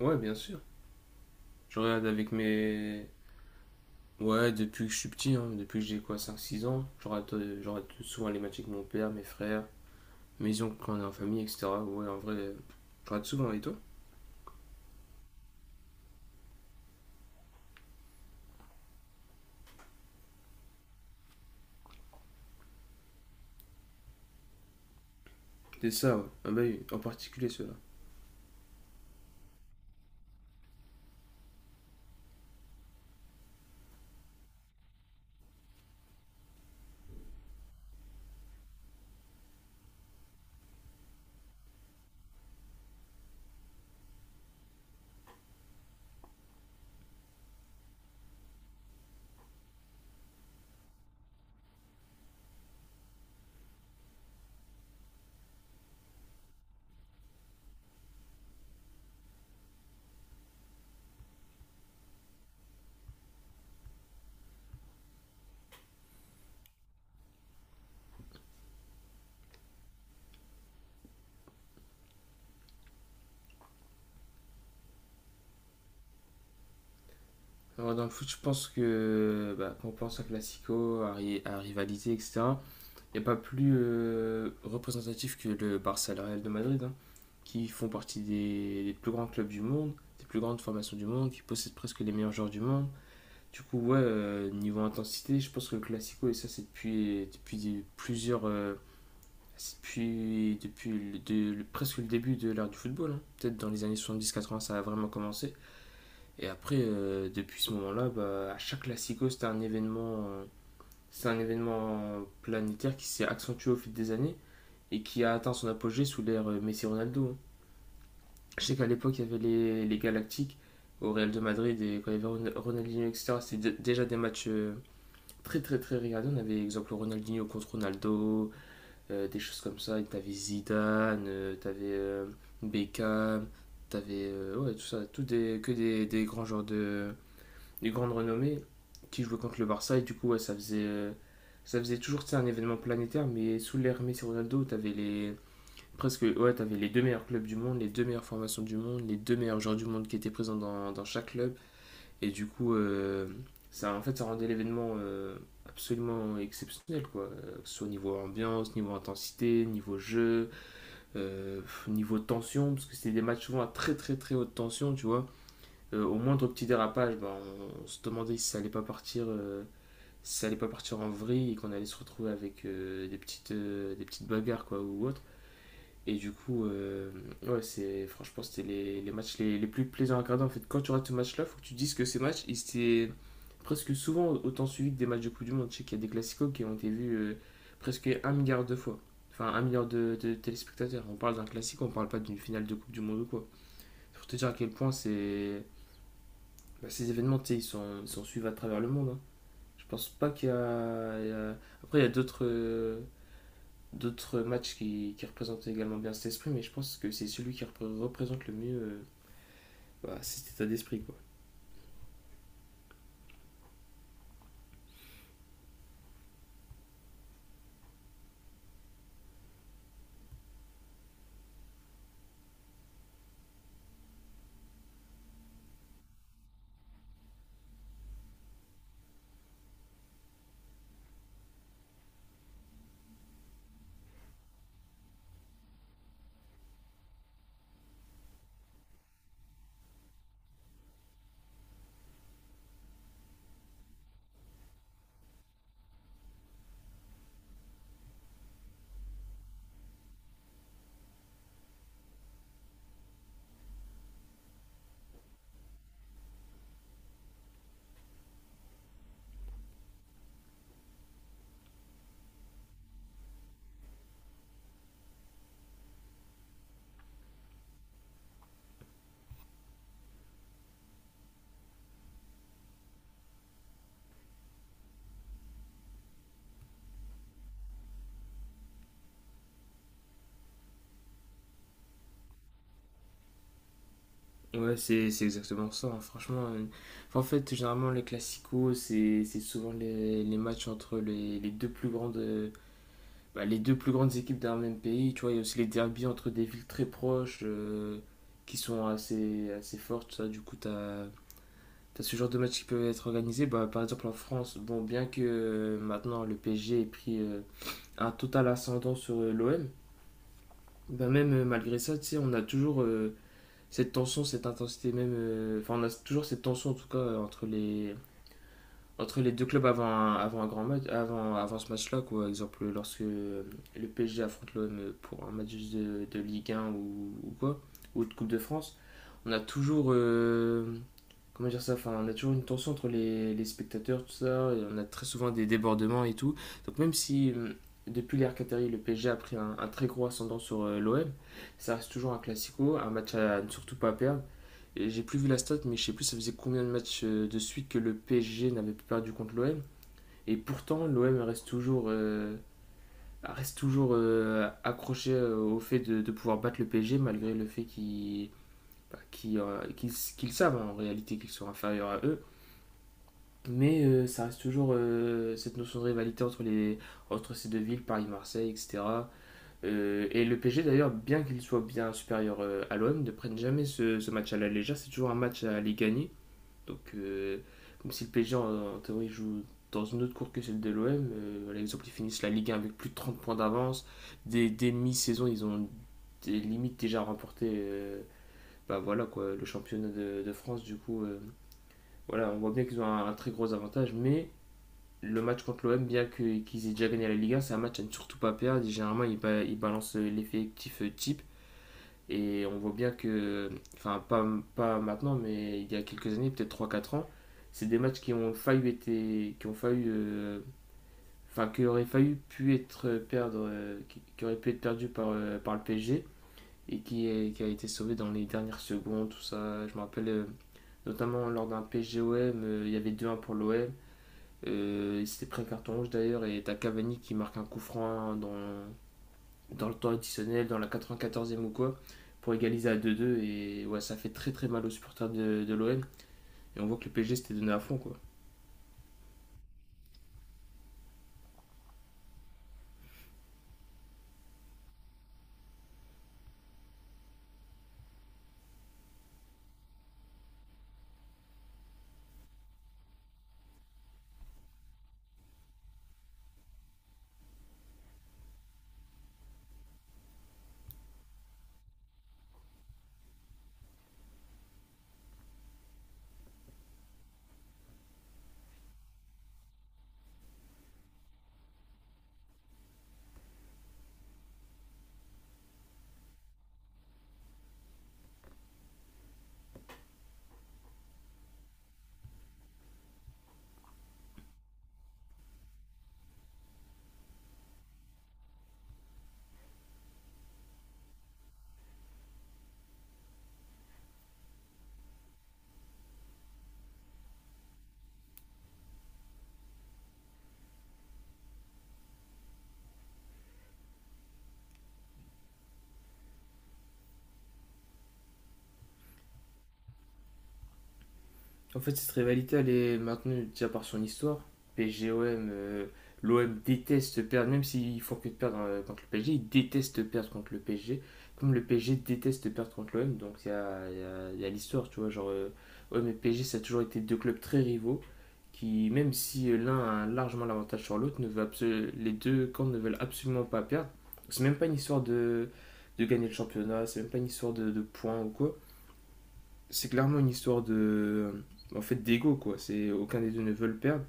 Ouais, bien sûr. Je regarde avec mes. Ouais, depuis que je suis petit, hein, depuis que j'ai quoi, cinq six ans, je regarde souvent les matchs avec mon père, mes frères, mes oncles quand on est en famille, etc. Ouais, en vrai, je regarde souvent, et toi? C'est ça, ouais. Ah bah oui, en particulier ceux-là. Alors, dans le foot, je pense que bah, quand on pense à Classico, à rivalité, etc., il n'y a pas plus représentatif que le Barça et le Real de Madrid, hein, qui font partie des plus grands clubs du monde, des plus grandes formations du monde, qui possèdent presque les meilleurs joueurs du monde. Du coup, ouais, niveau intensité, je pense que le Classico, et ça, c'est depuis plusieurs. C'est depuis presque le début de l'ère du football, hein. Peut-être dans les années soixante-dix quatre-vingts ça a vraiment commencé. Et après, depuis ce moment-là, bah, à chaque Classico, c'était un événement. C'est un événement planétaire qui s'est accentué au fil des années et qui a atteint son apogée sous l'ère Messi-Ronaldo, hein. Je sais qu'à l'époque, il y avait les Galactiques au Real de Madrid et quand il y avait et etc. C'était déjà des matchs très très très regardé. On avait exemple Ronaldinho contre Ronaldo, des choses comme ça. Et t'avais Zidane, t'avais Beckham, t'avais ouais, tout ça, tout des, que des grands joueurs de des grandes renommées qui jouaient contre le Barça et du coup ouais, ça faisait toujours tu sais, un événement planétaire. Mais sous l'ère Messi Ronaldo, t'avais les deux meilleurs clubs du monde, les deux meilleures formations du monde, les deux meilleurs joueurs du monde qui étaient présents dans, dans chaque club. Et du coup, ça, en fait, ça rendait l'événement absolument exceptionnel, quoi. Que ce soit au niveau ambiance, niveau intensité, niveau jeu, niveau tension, parce que c'était des matchs souvent à très très très haute tension, tu vois. Au moindre petit dérapage, ben, on se demandait si ça allait pas partir en vrille et qu'on allait se retrouver avec des petites bagarres, quoi, ou autre. Et du coup, ouais, franchement, c'était les matchs les plus plaisants à regarder. En fait, quand tu regardes ce match-là, faut que tu te dises que ces matchs, ils étaient presque souvent autant suivis que des matchs de Coupe du Monde. Je sais qu'il y a des classicos qui ont été vus presque un milliard de fois. Enfin, un milliard de téléspectateurs. On parle d'un classique, on parle pas d'une finale de Coupe du Monde ou quoi. C'est pour te dire à quel point c'est... bah, ces événements, tu sais, ils sont suivis à travers le monde, hein. Je pense pas qu'il y a... il y a- Après, il y a d'autres... d'autres matchs qui représentent également bien cet esprit, mais je pense que c'est celui qui représente le mieux bah, cet état d'esprit, quoi. Ouais, c'est exactement ça, hein. Franchement, enfin, en fait, généralement, les classicos, c'est souvent les matchs entre les deux plus grandes équipes d'un même pays. Tu vois, il y a aussi les derbies entre des villes très proches qui sont assez fortes. Ça. Du coup, tu as, ce genre de matchs qui peuvent être organisés. Bah, par exemple, en France, bon, bien que maintenant le PSG ait pris un total ascendant sur l'OM. Ben même malgré ça, tu sais, on a toujours cette tension, cette intensité même, enfin on a toujours cette tension en tout cas entre les deux clubs avant un grand match, avant ce match-là, quoi. Par exemple, lorsque le PSG affronte l'OM pour un match de Ligue 1 ou quoi, ou de Coupe de France, on a toujours, comment dire ça, enfin, on a toujours une tension entre les spectateurs, tout ça, et on a très souvent des débordements et tout. Donc même si depuis l'ère Qatari, le PSG a pris un très gros ascendant sur l'OM, ça reste toujours un classico, un match à ne surtout pas perdre. Et j'ai plus vu la stat, mais je sais plus ça faisait combien de matchs de suite que le PSG n'avait plus perdu contre l'OM. Et pourtant, l'OM reste toujours accroché au fait de pouvoir battre le PSG, malgré le fait qu'ils savent hein, en réalité qu'ils sont inférieurs à eux. Mais ça reste toujours cette notion de rivalité entre ces deux villes, Paris-Marseille, etc. Et le PSG d'ailleurs, bien qu'il soit bien supérieur à l'OM, ne prennent jamais ce match à la légère. C'est toujours un match à aller gagner. Donc, comme si le PSG en théorie joue dans une autre course que celle de l'OM, par exemple, ils finissent la Ligue 1 avec plus de 30 points d'avance. Dès mi-saison, ils ont des limites déjà remporté bah voilà, quoi, le championnat de France. Du coup, voilà, on voit bien qu'ils ont un très gros avantage, mais le match contre l'OM, bien qu'ils aient déjà gagné la Ligue 1, c'est un match à ne surtout pas perdre. Généralement, ils balancent l'effectif type. Et on voit bien que, enfin, pas maintenant, mais il y a quelques années, peut-être trois quatre ans, c'est des matchs qui ont failli été, qui ont failli, enfin, qui auraient failli pu être perdre, qui auraient pu être perdus par le PSG et qui a été sauvé dans les dernières secondes, tout ça. Je me rappelle notamment lors d'un PSG-OM, il y avait deux 1 pour l'OM. Il s'était pris un carton rouge d'ailleurs et t'as Cavani qui marque un coup franc dans le temps additionnel, dans la 94e ou quoi, pour égaliser à 2-2. Et ouais, ça fait très très mal aux supporters de l'OM. Et on voit que le PSG s'était donné à fond, quoi. En fait, cette rivalité, elle est maintenue déjà par son histoire. PSG-OM, l'OM déteste perdre, même s'ils font que de perdre contre le PSG, ils détestent perdre contre le PSG. Comme le PSG déteste perdre contre l'OM, donc il y a l'histoire, tu vois. Genre, OM et PSG, ça a toujours été deux clubs très rivaux qui, même si l'un a largement l'avantage sur l'autre, ne veut absolu- les deux camps ne veulent absolument pas perdre. C'est même pas une histoire de gagner le championnat, c'est même pas une histoire de points ou quoi. C'est clairement une histoire de en fait d'ego quoi. C'est aucun des deux ne veut le perdre.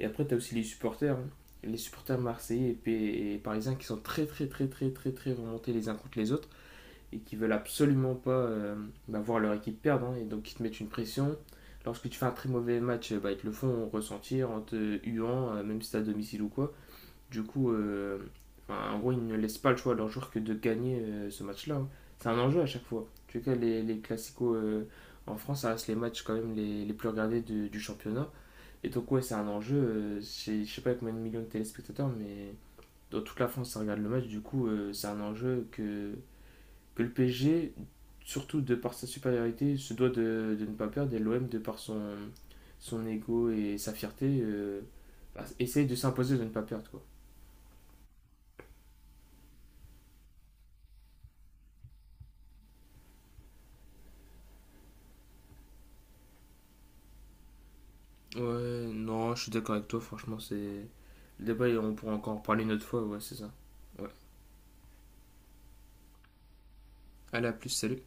Et après tu as aussi les supporters, hein. Les supporters marseillais et parisiens qui sont très très très très très très remontés les uns contre les autres et qui veulent absolument pas bah, voir leur équipe perdre, hein. Et donc ils te mettent une pression lorsque tu fais un très mauvais match bah, ils te le font ressentir en te huant même si t'es à domicile ou quoi. Du coup, enfin, en gros, ils ne laissent pas le choix à leurs joueurs que de gagner ce match-là, hein. C'est un enjeu à chaque fois. En tout cas, les classicos en France, ça reste les matchs quand même les plus regardés du championnat. Et donc, ouais, c'est un enjeu. Je sais pas combien de millions de téléspectateurs, mais dans toute la France, ça regarde le match. Du coup, c'est un enjeu que le PSG, surtout de par sa supériorité, se doit de ne pas perdre. Et l'OM, de par son ego et sa fierté, bah, essaye de s'imposer de ne pas perdre, quoi. Ouais, non, je suis d'accord avec toi, franchement, c'est... Le débat, on pourra encore en parler une autre fois, ouais, c'est ça. Ouais. Allez, à plus, salut.